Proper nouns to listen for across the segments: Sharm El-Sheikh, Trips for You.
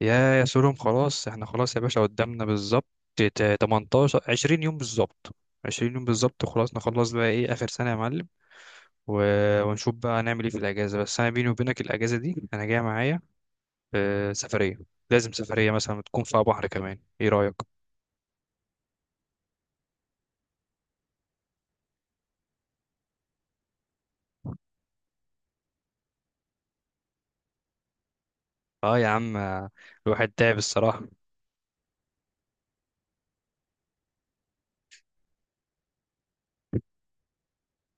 يا يا سولهم، خلاص احنا خلاص يا باشا، قدامنا بالظبط تا- 18 20 يوم بالظبط. وخلاص نخلص بقى، ايه اخر سنة يا معلم، ونشوف بقى هنعمل ايه في الاجازة. بس انا بيني وبينك الاجازة دي انا جاي معايا سفرية. لازم سفرية مثلا تكون فيها بحر، كمان ايه رأيك؟ اه يا عم، الواحد تعب الصراحة.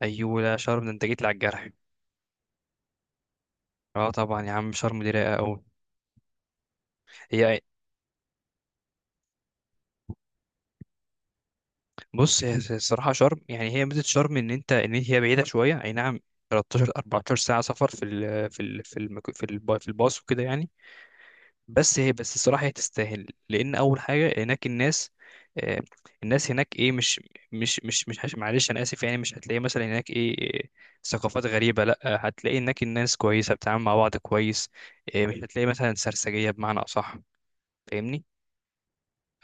ايوه، لا شرم ده انت جيت لي على الجرح. اه طبعا يا عم، شرم دي رايقة قوي. هي بص هي الصراحة شرم، يعني هي ميزة شرم إن أنت إن هي بعيدة شوية، أي نعم، 13 14 ساعة سفر في ال في ال في المك... في الب... في الباص وكده يعني. بس الصراحة هي تستاهل، لأن أول حاجة هناك الناس، آه، الناس هناك إيه، مش مش مش مش هش- معلش أنا آسف يعني، مش هتلاقي مثلا هناك إيه إيه، ثقافات غريبة لأ. هتلاقي هناك الناس كويسة بتتعامل مع بعض كويس، آه، مش هتلاقي مثلا سرسجية بمعنى أصح، فاهمني؟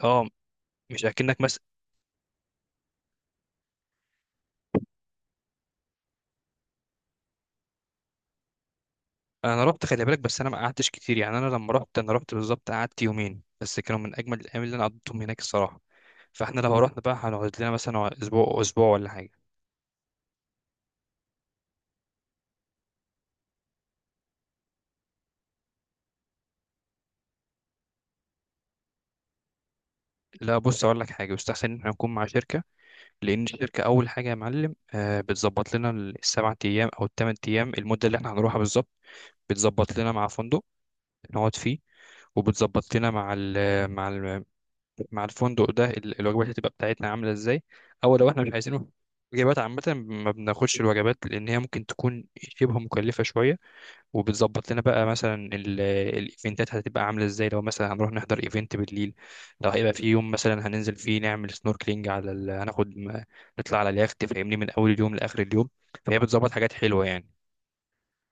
أه مش أكنك. انا رحت، خلي بالك، بس انا ما قعدتش كتير يعني، انا لما رحت، انا رحت بالظبط قعدت يومين بس، كانوا من اجمل الايام اللي انا قضيتهم هناك الصراحه. فاحنا لو رحنا بقى هنقعد لنا مثلا اسبوع اسبوع ولا حاجه. لا بص اقول لك حاجه، يستحسن ان احنا نكون مع شركه. لان الشركه اول حاجه يا معلم، بتظبط لنا السبع ايام او الثمان ايام، المده اللي احنا هنروحها بالظبط. بتظبط لنا مع فندق نقعد فيه، وبتظبط لنا مع ال مع الفندق ده الوجبات هتبقى بتاعتنا عاملة ازاي، او لو احنا مش عايزينه وجبات عامة ما بناخدش الوجبات لأن هي ممكن تكون شبه مكلفة شوية. وبتظبط لنا بقى مثلا الإيفنتات هتبقى عاملة ازاي، لو مثلا هنروح نحضر إيفنت بالليل، لو هيبقى في يوم مثلا هننزل فيه نعمل سنوركلينج على ال... هناخد م- نطلع على اليخت، فاهمني، من أول اليوم لآخر اليوم. فهي بتظبط حاجات حلوة يعني،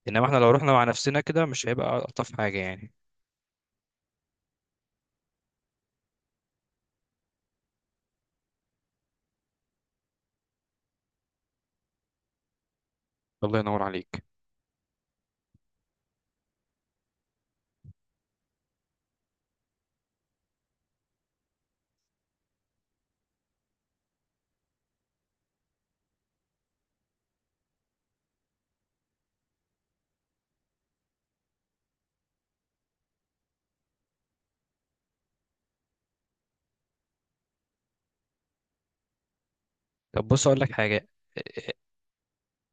إنما احنا لو رحنا مع نفسنا كده مش هيبقى ألطف حاجة يعني. الله ينور عليك. طب بص أقول لك حاجة،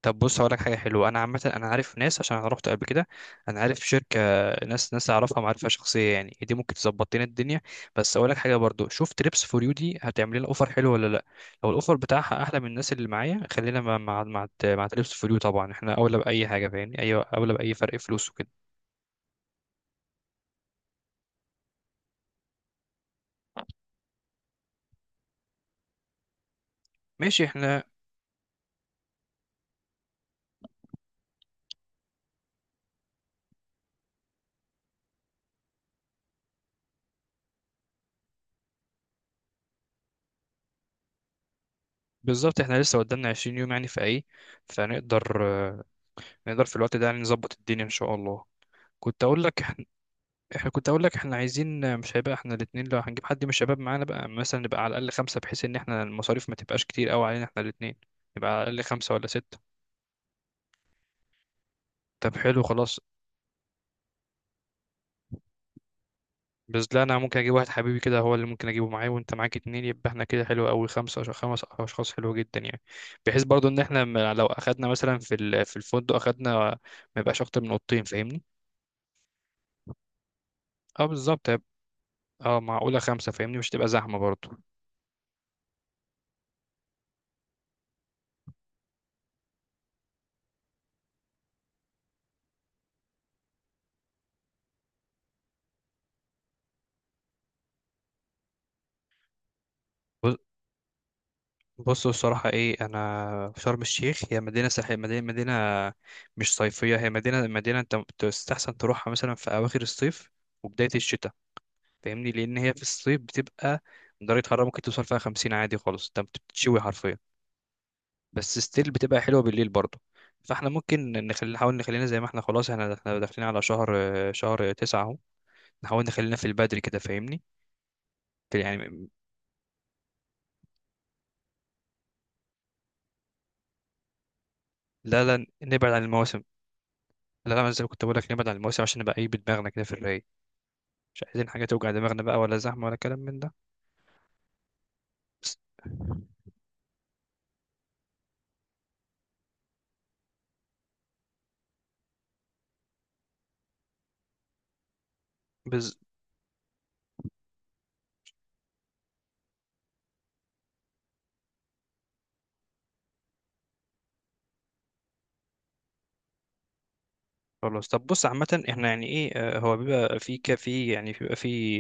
طب بص هقول لك حاجه حلوه، انا عامه انا عارف ناس عشان انا رحت قبل كده، انا عارف شركه، ناس اعرفها معرفه شخصيه يعني، دي ممكن تظبط لنا الدنيا. بس اقول لك حاجه برضو، شوف تريبس فور يو دي هتعمل لنا اوفر حلو ولا لا. لو الاوفر بتاعها احلى من الناس اللي معايا، خلينا مع تريبس فور يو، طبعا احنا اولى باي حاجه، فاهمني، ايوه اولى باي فرق فلوس وكده. ماشي احنا. بالظبط احنا لسه قدامنا 20 يوم يعني في ايه، فنقدر في الوقت ده يعني نظبط الدنيا ان شاء الله. كنت اقول لك، احنا عايزين، مش هيبقى احنا الاتنين، لو هنجيب حد من الشباب معانا بقى مثلا نبقى على الاقل خمسة، بحيث ان احنا المصاريف ما تبقاش كتير قوي علينا احنا الاتنين. نبقى على الاقل خمسة ولا ستة. طب حلو خلاص. بس لا انا ممكن اجيب واحد حبيبي كده هو اللي ممكن اجيبه معايا، وانت معاك اتنين، يبقى احنا كده حلو قوي خمسة، عشان خمس اشخاص حلو جدا يعني. بحيث برضو ان احنا ما- لو اخدنا مثلا في الفندق اخدنا، ما يبقاش اكتر من اوضتين، فاهمني. اه بالظبط هيبقى- اه معقولة خمسة، فاهمني، مش تبقى زحمة برضو. بص الصراحة إيه، أنا في شرم الشيخ، هي مدينة ساحلية، مدينة مش صيفية، هي مدينة أنت تستحسن تروحها مثلا في أواخر الصيف وبداية الشتاء، فاهمني، لأن هي في الصيف بتبقى درجة حرارة ممكن توصل فيها خمسين عادي خالص، أنت بتتشوي حرفيا، بس ستيل بتبقى حلوة بالليل برضه. فاحنا ممكن نخلي، نحاول نخلينا زي ما احنا خلاص، احنا داخلين على شهر، شهر تسعة اهو، نحاول نخلينا في البدري كده، فاهمني، يعني. لا لا نبعد عن المواسم. لا لا، زي ما كنت بقول لك نبعد عن المواسم عشان نبقى ايه بدماغنا كده في الرايق، مش عايزين حاجة توجع دماغنا بقى ولا زحمة ولا كلام من ده. بس بز... خلاص، طب بص عامة احنا يعني ايه، هو بيبقى في كافي يعني، بيبقى في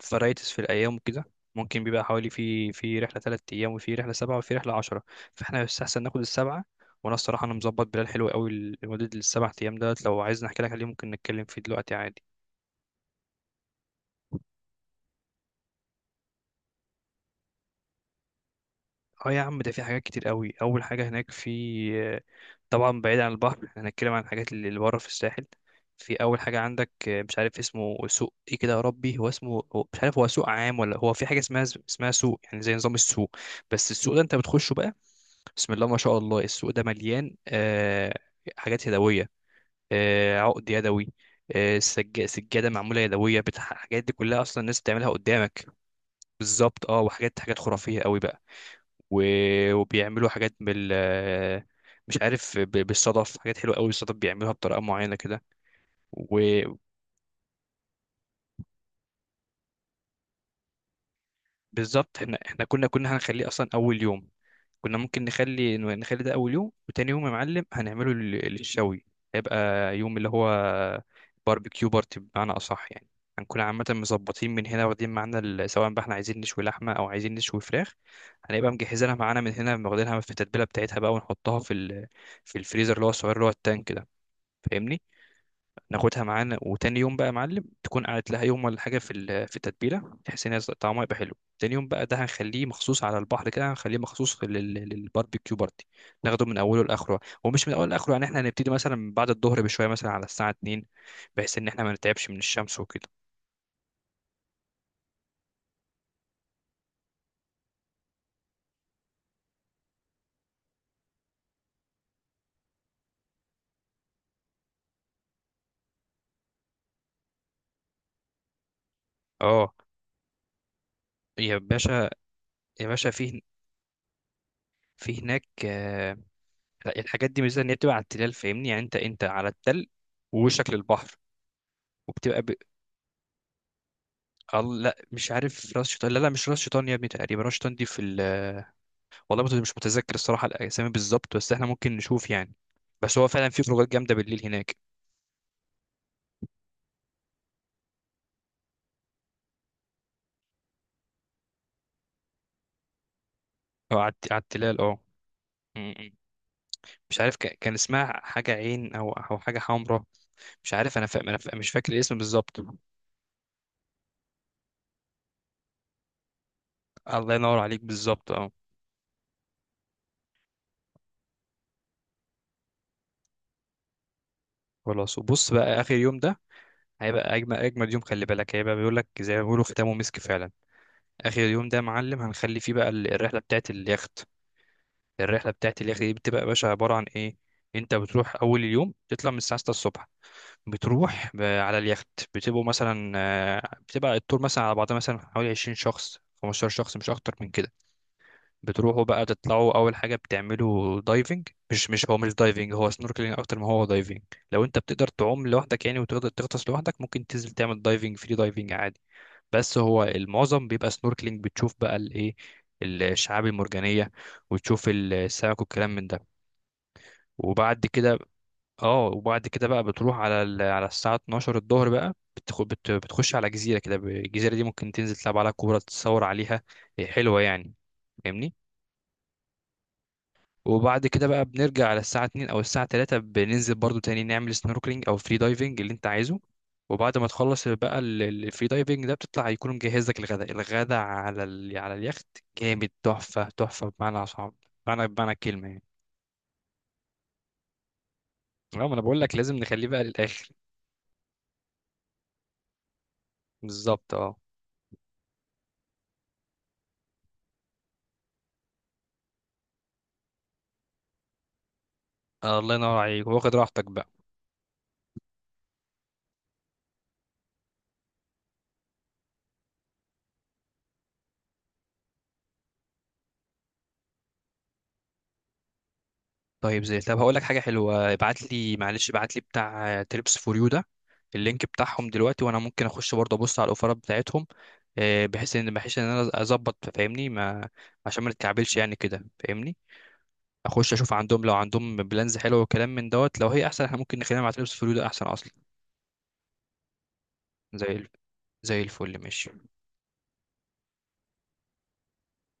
فرايتس في الأيام وكده، ممكن بيبقى حوالي في في رحلة تلات أيام وفي رحلة سبعة وفي رحلة عشرة. فاحنا يستحسن ناخد السبعة. وأنا الصراحة أنا مظبط بلال حلو قوي لمدة السبع أيام دولت، لو عايز نحكي لك عليه ممكن نتكلم فيه دلوقتي عادي. اه يا عم، ده في حاجات كتير قوي، اول حاجه هناك في، طبعا بعيد عن البحر، احنا هنتكلم عن الحاجات اللي اللي بره في الساحل. في اول حاجه عندك، مش عارف اسمه سوق ايه كده، يا ربي هو اسمه، هو مش عارف هو سوق عام ولا هو في حاجه اسمها سوق يعني، زي نظام السوق. بس السوق ده انت بتخشه بقى، بسم الله ما شاء الله، السوق ده مليان آه، حاجات يدويه، آه عقد يدوي، آه سجاده معموله يدويه، بتاع الحاجات دي كلها اصلا الناس بتعملها قدامك. بالظبط اه، وحاجات، حاجات خرافيه قوي بقى، وبيعملوا حاجات مش عارف بالصدف، حاجات حلوه قوي الصدف بيعملوها بطريقه معينه كده وبالظبط. احنا كنا هنخليه اصلا اول يوم، كنا ممكن نخلي، نخلي ده اول يوم، وتاني يوم يا معلم هنعمله للشوي. هيبقى يوم اللي هو باربيكيو بارتي بمعنى اصح يعني، هنكون عامه مظبطين من هنا واخدين معانا سواء بقى احنا عايزين نشوي لحمه او عايزين نشوي فراخ، هنبقى مجهزينها معانا من هنا واخدينها في التتبيله بتاعتها بقى، ونحطها في الفريزر اللي هو الصغير اللي هو التانك ده، فاهمني. ناخدها معانا، وتاني يوم بقى يا معلم تكون قعدت لها يوم ولا حاجه في التتبيله، بحيث ان هي طعمها يبقى حلو. تاني يوم بقى ده هنخليه مخصوص على البحر كده، هنخليه مخصوص للباربيكيو بارتي. ناخده من اوله لاخره، ومش من اوله لاخره يعني، احنا هنبتدي مثلا بعد الظهر بشويه مثلا على الساعه 2، بحيث ان احنا ما نتعبش من الشمس وكده. اه يا باشا، يا باشا في، في هناك لا، الحاجات دي ميزه ان هي بتبقى على التلال، فاهمني يعني، انت انت على التل ووشك للبحر، وبتبقى ب... الله، لا مش عارف راس شيطان، لا لا مش راس شيطان يا ابني، تقريبا راس شيطان دي في ال والله برضه مش متذكر الصراحه الاسامي بالظبط، بس احنا ممكن نشوف يعني. بس هو فعلا في خروجات جامده بالليل هناك. اه على التلال اه. م- م. مش عارف كان اسمها حاجه عين او او حاجه حمراء، مش عارف انا، مش فاكر الاسم بالظبط. الله ينور عليك، بالظبط اه. خلاص، وبص بقى اخر يوم ده هيبقى اجمل يوم، خلي بالك، هيبقى بيقول لك زي ما بيقولوا ختامه مسك فعلا. اخر يوم ده يا معلم هنخلي فيه بقى الرحله بتاعت اليخت. الرحله بتاعت اليخت دي بتبقى يا باشا عباره عن ايه، انت بتروح اول اليوم تطلع من الساعه 6 الصبح، بتروح على اليخت. بتبقوا مثلا بتبقى التور مثلا على بعضها مثلا حوالي 20 شخص 15 شخص، مش اكتر من كده. بتروحوا بقى تطلعوا، اول حاجه بتعملوا دايفنج، مش دايفنج، هو سنوركلينج اكتر ما هو دايفنج. لو انت بتقدر تعوم لوحدك يعني وتقدر تغطس لوحدك، ممكن تنزل تعمل دايفنج، فري دايفنج عادي. بس هو المعظم بيبقى سنوركلينج، بتشوف بقى الايه، الشعاب المرجانيه، وتشوف السمك والكلام من ده. وبعد كده، اه وبعد كده بقى بتروح على على الساعه 12 الظهر بقى، بتخش على جزيره كده، الجزيره دي ممكن تنزل تلعب على كوره، تتصور عليها، حلوه يعني، فاهمني. وبعد كده بقى بنرجع على الساعة 2 أو الساعة 3، بننزل برضو تاني نعمل سنوركلينج أو فري دايفنج اللي أنت عايزه. وبعد ما تخلص بقى الفري دايفنج ده بتطلع يكون مجهز لك الغداء، الغداء على اليخت. جامد، تحفة بمعنى صعب، بمعنى الكلمة يعني. اه ما أنا بقول لك لازم نخليه بقى للآخر. بالظبط اه. الله ينور عليك واخد راحتك بقى. طيب زي، طب هقول لك حاجه حلوه، ابعت لي، معلش ابعت لي بتاع تريبس فور يو ده، اللينك بتاعهم دلوقتي، وانا ممكن اخش برضه ابص على الاوفرات بتاعتهم، بحيث ان، انا اظبط، فاهمني، ما عشان ما نتكعبلش يعني كده، فاهمني. اخش اشوف عندهم لو عندهم بلانز حلو وكلام من دوت، لو هي احسن احنا ممكن نخلينا مع تريبس فور يو ده احسن اصلا. زي ال- زي الفل، ماشي.